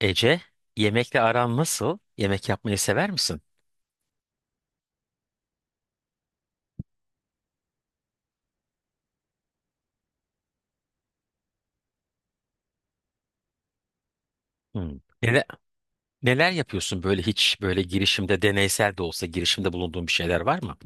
Ece, yemekle aran nasıl? Yemek yapmayı sever misin? Hmm. Neler yapıyorsun böyle hiç böyle girişimde deneysel de olsa girişimde bulunduğun bir şeyler var mı?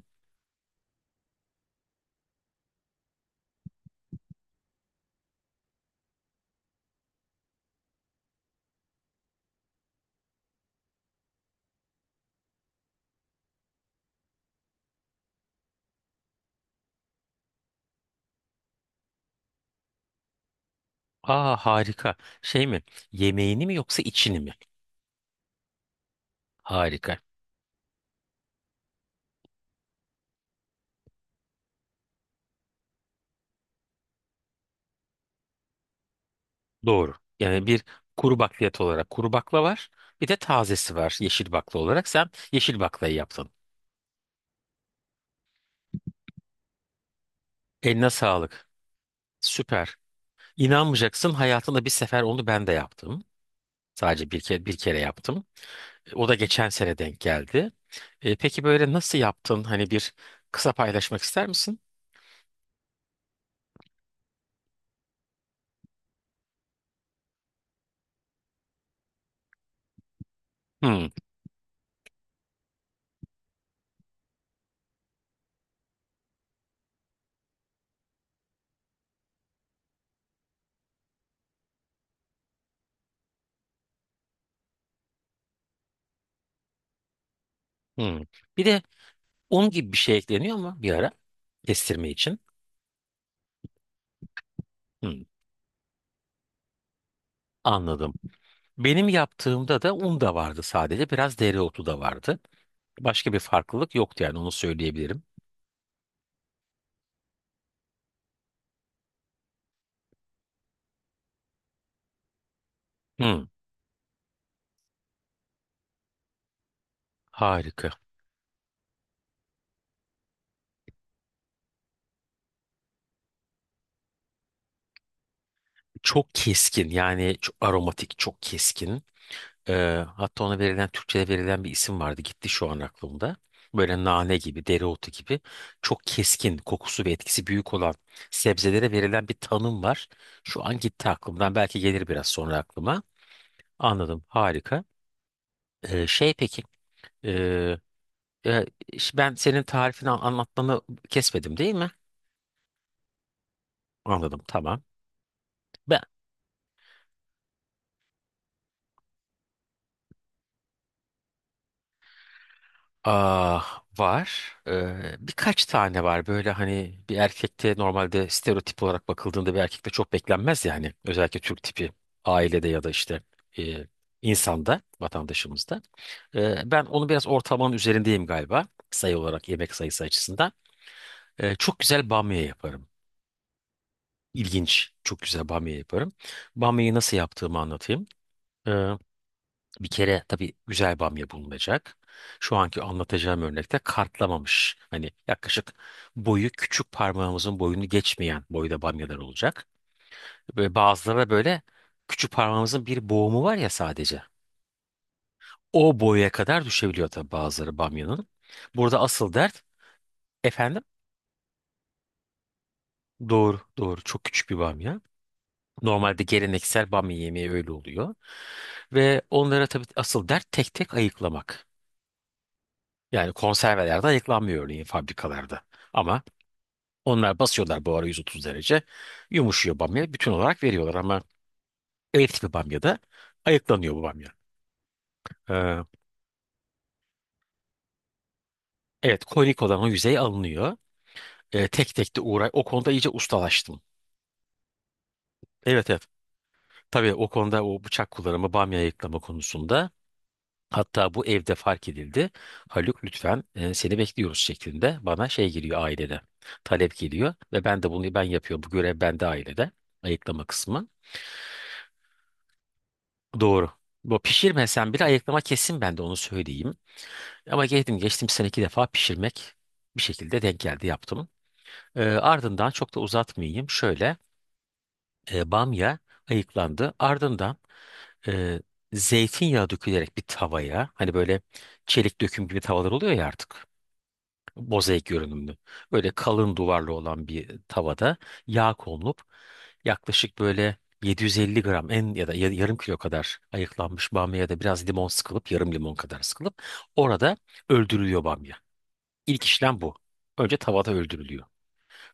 Aa harika. Şey mi? Yemeğini mi yoksa içini mi? Harika. Doğru. Yani bir kuru bakliyat olarak kuru bakla var. Bir de tazesi var yeşil bakla olarak. Sen yeşil baklayı yaptın. Eline sağlık. Süper. İnanmayacaksın hayatımda bir sefer onu ben de yaptım. Sadece bir kere, bir kere yaptım. O da geçen sene denk geldi. Peki böyle nasıl yaptın? Hani bir kısa paylaşmak ister misin? Hmm, hmm. Bir de un gibi bir şey ekleniyor mu bir ara kestirme için? Hmm, anladım. Benim yaptığımda da un da vardı sadece. Biraz dereotu da vardı. Başka bir farklılık yoktu yani onu söyleyebilirim. Hmm, harika. Çok keskin yani çok aromatik, çok keskin. Hatta ona verilen Türkçe'de verilen bir isim vardı. Gitti şu an aklımda. Böyle nane gibi, dereotu gibi çok keskin, kokusu ve etkisi büyük olan sebzelere verilen bir tanım var. Şu an gitti aklımdan. Belki gelir biraz sonra aklıma. Anladım. Harika. Şey peki, ee, e, ben senin tarifini anlatmanı kesmedim değil mi? Anladım. Tamam. Ben ah, var. Birkaç tane var. Böyle hani bir erkekte normalde stereotip olarak bakıldığında bir erkekte çok beklenmez yani. Özellikle Türk tipi ailede ya da işte e, insanda, vatandaşımızda. Ben onu biraz ortalamanın üzerindeyim galiba. Sayı olarak yemek sayısı açısından. Çok güzel bamya yaparım. İlginç. Çok güzel bamya yaparım. Bamyayı nasıl yaptığımı anlatayım. Bir kere tabii güzel bamya bulunacak. Şu anki anlatacağım örnekte kartlamamış. Hani yaklaşık boyu küçük parmağımızın boyunu geçmeyen boyda bamyalar olacak. Ve bazıları da böyle küçük parmağımızın bir boğumu var ya sadece. O boya kadar düşebiliyor tabii bazıları bamyanın. Burada asıl dert efendim doğru doğru çok küçük bir bamya. Normalde geleneksel bamya yemeği öyle oluyor. Ve onlara tabii asıl dert tek tek ayıklamak. Yani konservelerde ayıklanmıyor örneğin fabrikalarda. Ama onlar basıyorlar buhara 130 derece. Yumuşuyor bamya. Bütün olarak veriyorlar ama ev tipi bamyada ayıklanıyor bu bamya. Ee, evet konik olan o yüzey alınıyor. Tek tek de uğray. O konuda iyice ustalaştım. Evet evet. Tabii o konuda o bıçak kullanımı bamya ayıklama konusunda hatta bu evde fark edildi. Haluk lütfen seni bekliyoruz şeklinde bana şey geliyor ailede. Talep geliyor ve ben de bunu ben yapıyorum. Bu görev bende ailede ayıklama kısmı. Doğru. Bu pişirmesen bile ayıklama kesin ben de onu söyleyeyim. Ama geldim geçtim sene iki defa pişirmek bir şekilde denk geldi yaptım. Ardından çok da uzatmayayım. Şöyle bamya ayıklandı. Ardından e, zeytinyağı dökülerek bir tavaya hani böyle çelik döküm gibi tavalar oluyor ya artık. Mozaik görünümlü. Böyle kalın duvarlı olan bir tavada yağ konulup yaklaşık böyle 750 gram en ya da yarım kilo kadar ayıklanmış bamya ya da biraz limon sıkılıp yarım limon kadar sıkılıp orada öldürülüyor bamya. İlk işlem bu. Önce tavada öldürülüyor.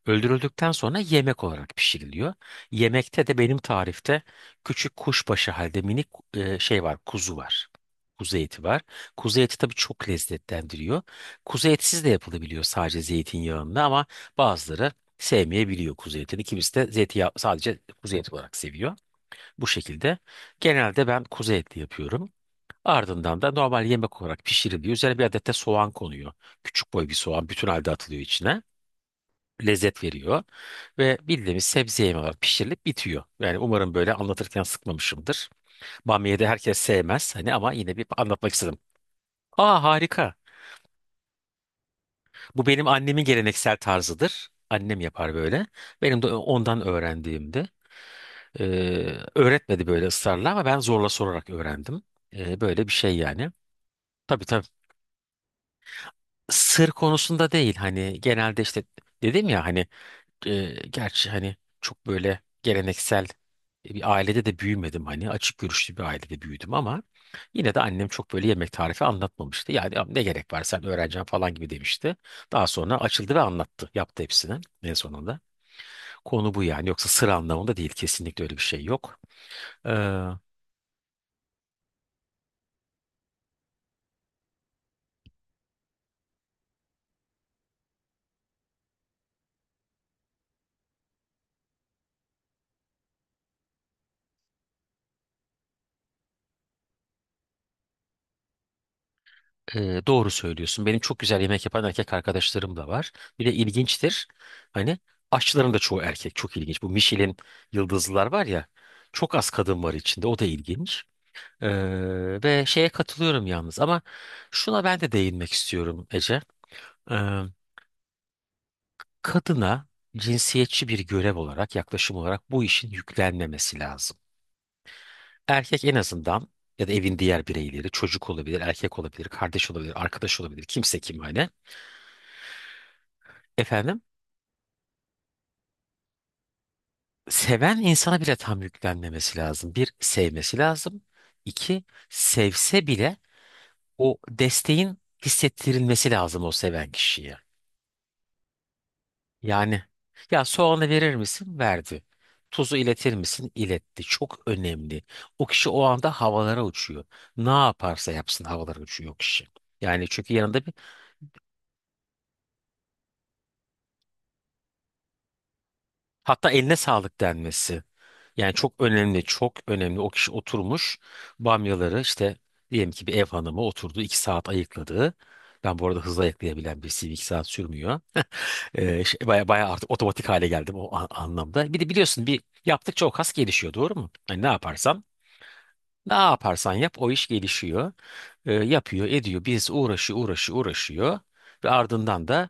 Öldürüldükten sonra yemek olarak pişiriliyor. Yemekte de benim tarifte küçük kuşbaşı halde minik şey var, kuzu var. Kuzu eti var. Kuzu eti tabii çok lezzetlendiriyor. Kuzu etsiz de yapılabiliyor sadece zeytinyağında ama bazıları sevmeyebiliyor kuzu etini. Kimisi de zeytinyağı sadece kuzu eti olarak seviyor. Bu şekilde genelde ben kuzu etli yapıyorum. Ardından da normal yemek olarak pişiriliyor. Üzerine bir adet de soğan konuyor. Küçük boy bir soğan bütün halde atılıyor içine lezzet veriyor. Ve bildiğimiz sebze yemeği olarak pişirilip bitiyor. Yani umarım böyle anlatırken sıkmamışımdır. Bamya'yı da herkes sevmez hani ama yine bir anlatmak istedim. Aa harika. Bu benim annemin geleneksel tarzıdır. Annem yapar böyle. Benim de ondan öğrendiğimdi. Ee, öğretmedi böyle ısrarla ama ben zorla sorarak öğrendim. Böyle bir şey yani. Tabii tabii. Sır konusunda değil hani genelde işte dedim ya hani gerçi hani çok böyle geleneksel bir ailede de büyümedim hani açık görüşlü bir ailede büyüdüm ama yine de annem çok böyle yemek tarifi anlatmamıştı. Yani "Ya ne gerek var sen öğreneceksin falan gibi demişti. Daha sonra açıldı ve anlattı. Yaptı hepsini en sonunda. Konu bu yani yoksa sıra anlamında değil kesinlikle öyle bir şey yok. Doğru söylüyorsun. Benim çok güzel yemek yapan erkek arkadaşlarım da var. Bir de ilginçtir. Hani aşçıların da çoğu erkek. Çok ilginç. Bu Michelin yıldızlılar var ya. Çok az kadın var içinde. O da ilginç. Ve şeye katılıyorum yalnız. Ama şuna ben de değinmek istiyorum Ece. Ee, kadına cinsiyetçi bir görev olarak, yaklaşım olarak bu işin yüklenmemesi lazım. Erkek en azından ya da evin diğer bireyleri, çocuk olabilir, erkek olabilir, kardeş olabilir, arkadaş olabilir, kimse kim hani. Efendim? Seven insana bile tam yüklenmemesi lazım. Bir, sevmesi lazım. İki, sevse bile o desteğin hissettirilmesi lazım o seven kişiye. Yani ya soğanı verir misin? Verdi. Tuzu iletir misin? İletti. Çok önemli. O kişi o anda havalara uçuyor. Ne yaparsa yapsın havalara uçuyor o kişi. Yani çünkü yanında bir hatta eline sağlık denmesi. Yani çok önemli, çok önemli. O kişi oturmuş bamyaları işte diyelim ki bir ev hanımı oturdu. 2 saat ayıkladı. Ben bu arada hızlı ayıklayabilen birisiyim. 2 saat sürmüyor. Şey, baya baya artık otomatik hale geldim o anlamda. Bir de biliyorsun bir yaptıkça o kas gelişiyor doğru mu? Hani ne yaparsan yap o iş gelişiyor. Yapıyor ediyor. Birisi uğraşıyor. Ve ardından da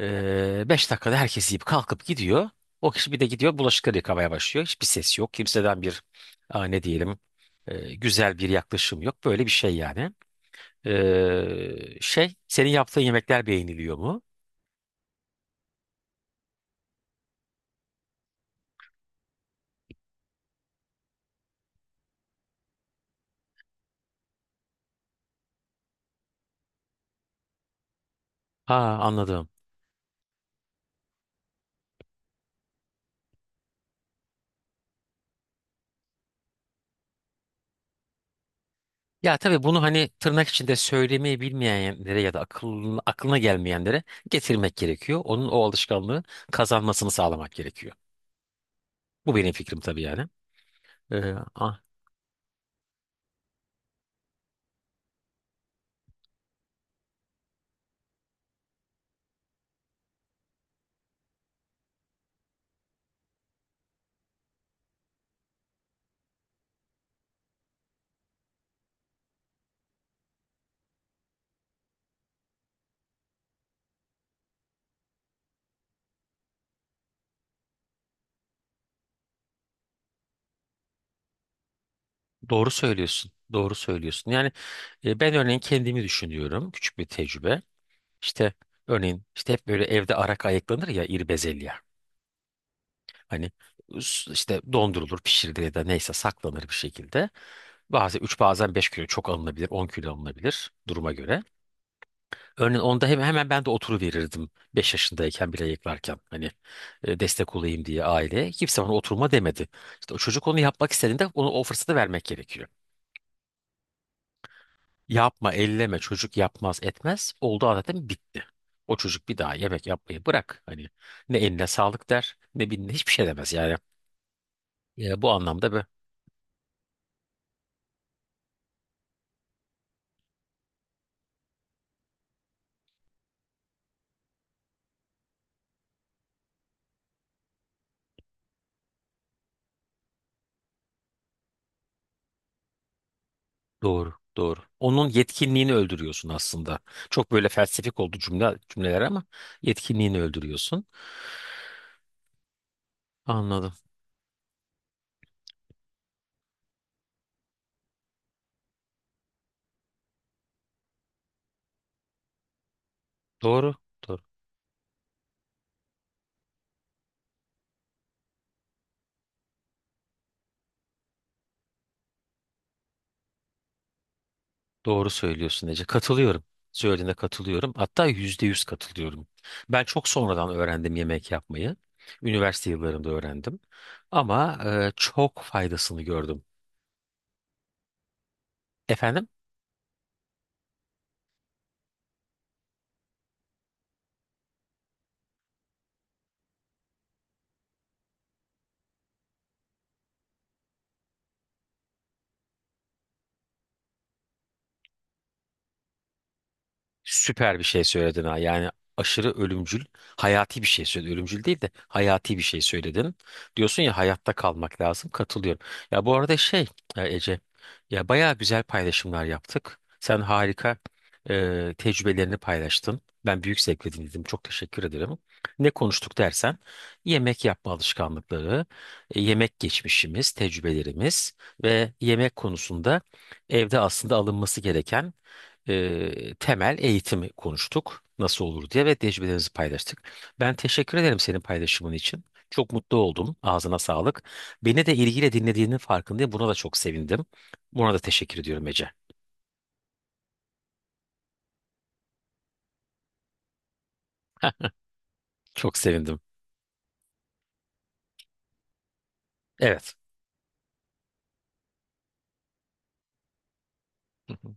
5 dakikada herkes yiyip kalkıp gidiyor. O kişi bir de gidiyor bulaşıkları yıkamaya başlıyor. Hiçbir ses yok. Kimseden bir aa, ne diyelim güzel bir yaklaşım yok. Böyle bir şey yani. Şey senin yaptığın yemekler beğeniliyor mu? Ha anladım. Ya tabii bunu hani tırnak içinde söylemeyi bilmeyenlere ya da aklına gelmeyenlere getirmek gerekiyor. Onun o alışkanlığı kazanmasını sağlamak gerekiyor. Bu benim fikrim tabii yani. Ee, ah. Doğru söylüyorsun. Doğru söylüyorsun. Yani ben örneğin kendimi düşünüyorum. Küçük bir tecrübe. İşte örneğin işte hep böyle evde arak ayıklanır ya iri bezelye. Hani işte dondurulur, pişirilir ya da neyse saklanır bir şekilde. Bazen 3, bazen 5 kilo çok alınabilir, 10 kilo alınabilir duruma göre. Örneğin onda hemen ben de oturuverirdim 5 yaşındayken bile ayıklarken. Hani destek olayım diye aileye. Kimse bana oturma demedi. İşte o çocuk onu yapmak istediğinde onu o fırsatı vermek gerekiyor. Yapma, elleme, çocuk yapmaz etmez. Oldu zaten bitti. O çocuk bir daha yemek yapmayı bırak. Hani ne eline sağlık der, ne bilin hiçbir şey demez yani. Bu anlamda be. Doğru, doğru. Onun yetkinliğini öldürüyorsun aslında. Çok böyle felsefik oldu cümleler ama yetkinliğini öldürüyorsun. Anladım. Doğru, doğru. Doğru söylüyorsun Ece. Katılıyorum. Söylediğine katılıyorum. Hatta %100 katılıyorum. Ben çok sonradan öğrendim yemek yapmayı. Üniversite yıllarımda öğrendim. Ama çok faydasını gördüm. Efendim? Süper bir şey söyledin ha. Yani aşırı ölümcül, hayati bir şey söyledin. Ölümcül değil de hayati bir şey söyledin. Diyorsun ya hayatta kalmak lazım. Katılıyorum. Ya bu arada şey Ece, ya bayağı güzel paylaşımlar yaptık. Sen harika tecrübelerini paylaştın. Ben büyük zevkle dinledim. Çok teşekkür ederim. Ne konuştuk dersen yemek yapma alışkanlıkları, yemek geçmişimiz, tecrübelerimiz ve yemek konusunda evde aslında alınması gereken temel eğitimi konuştuk. Nasıl olur diye ve tecrübelerimizi paylaştık. Ben teşekkür ederim senin paylaşımın için. Çok mutlu oldum. Ağzına sağlık. Beni de ilgiyle dinlediğinin farkındayım. Buna da çok sevindim. Buna da teşekkür ediyorum Ece. Çok sevindim. Evet. Hı hı.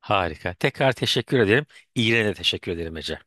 Harika. Tekrar teşekkür ederim. İyiliğine de teşekkür ederim Ece.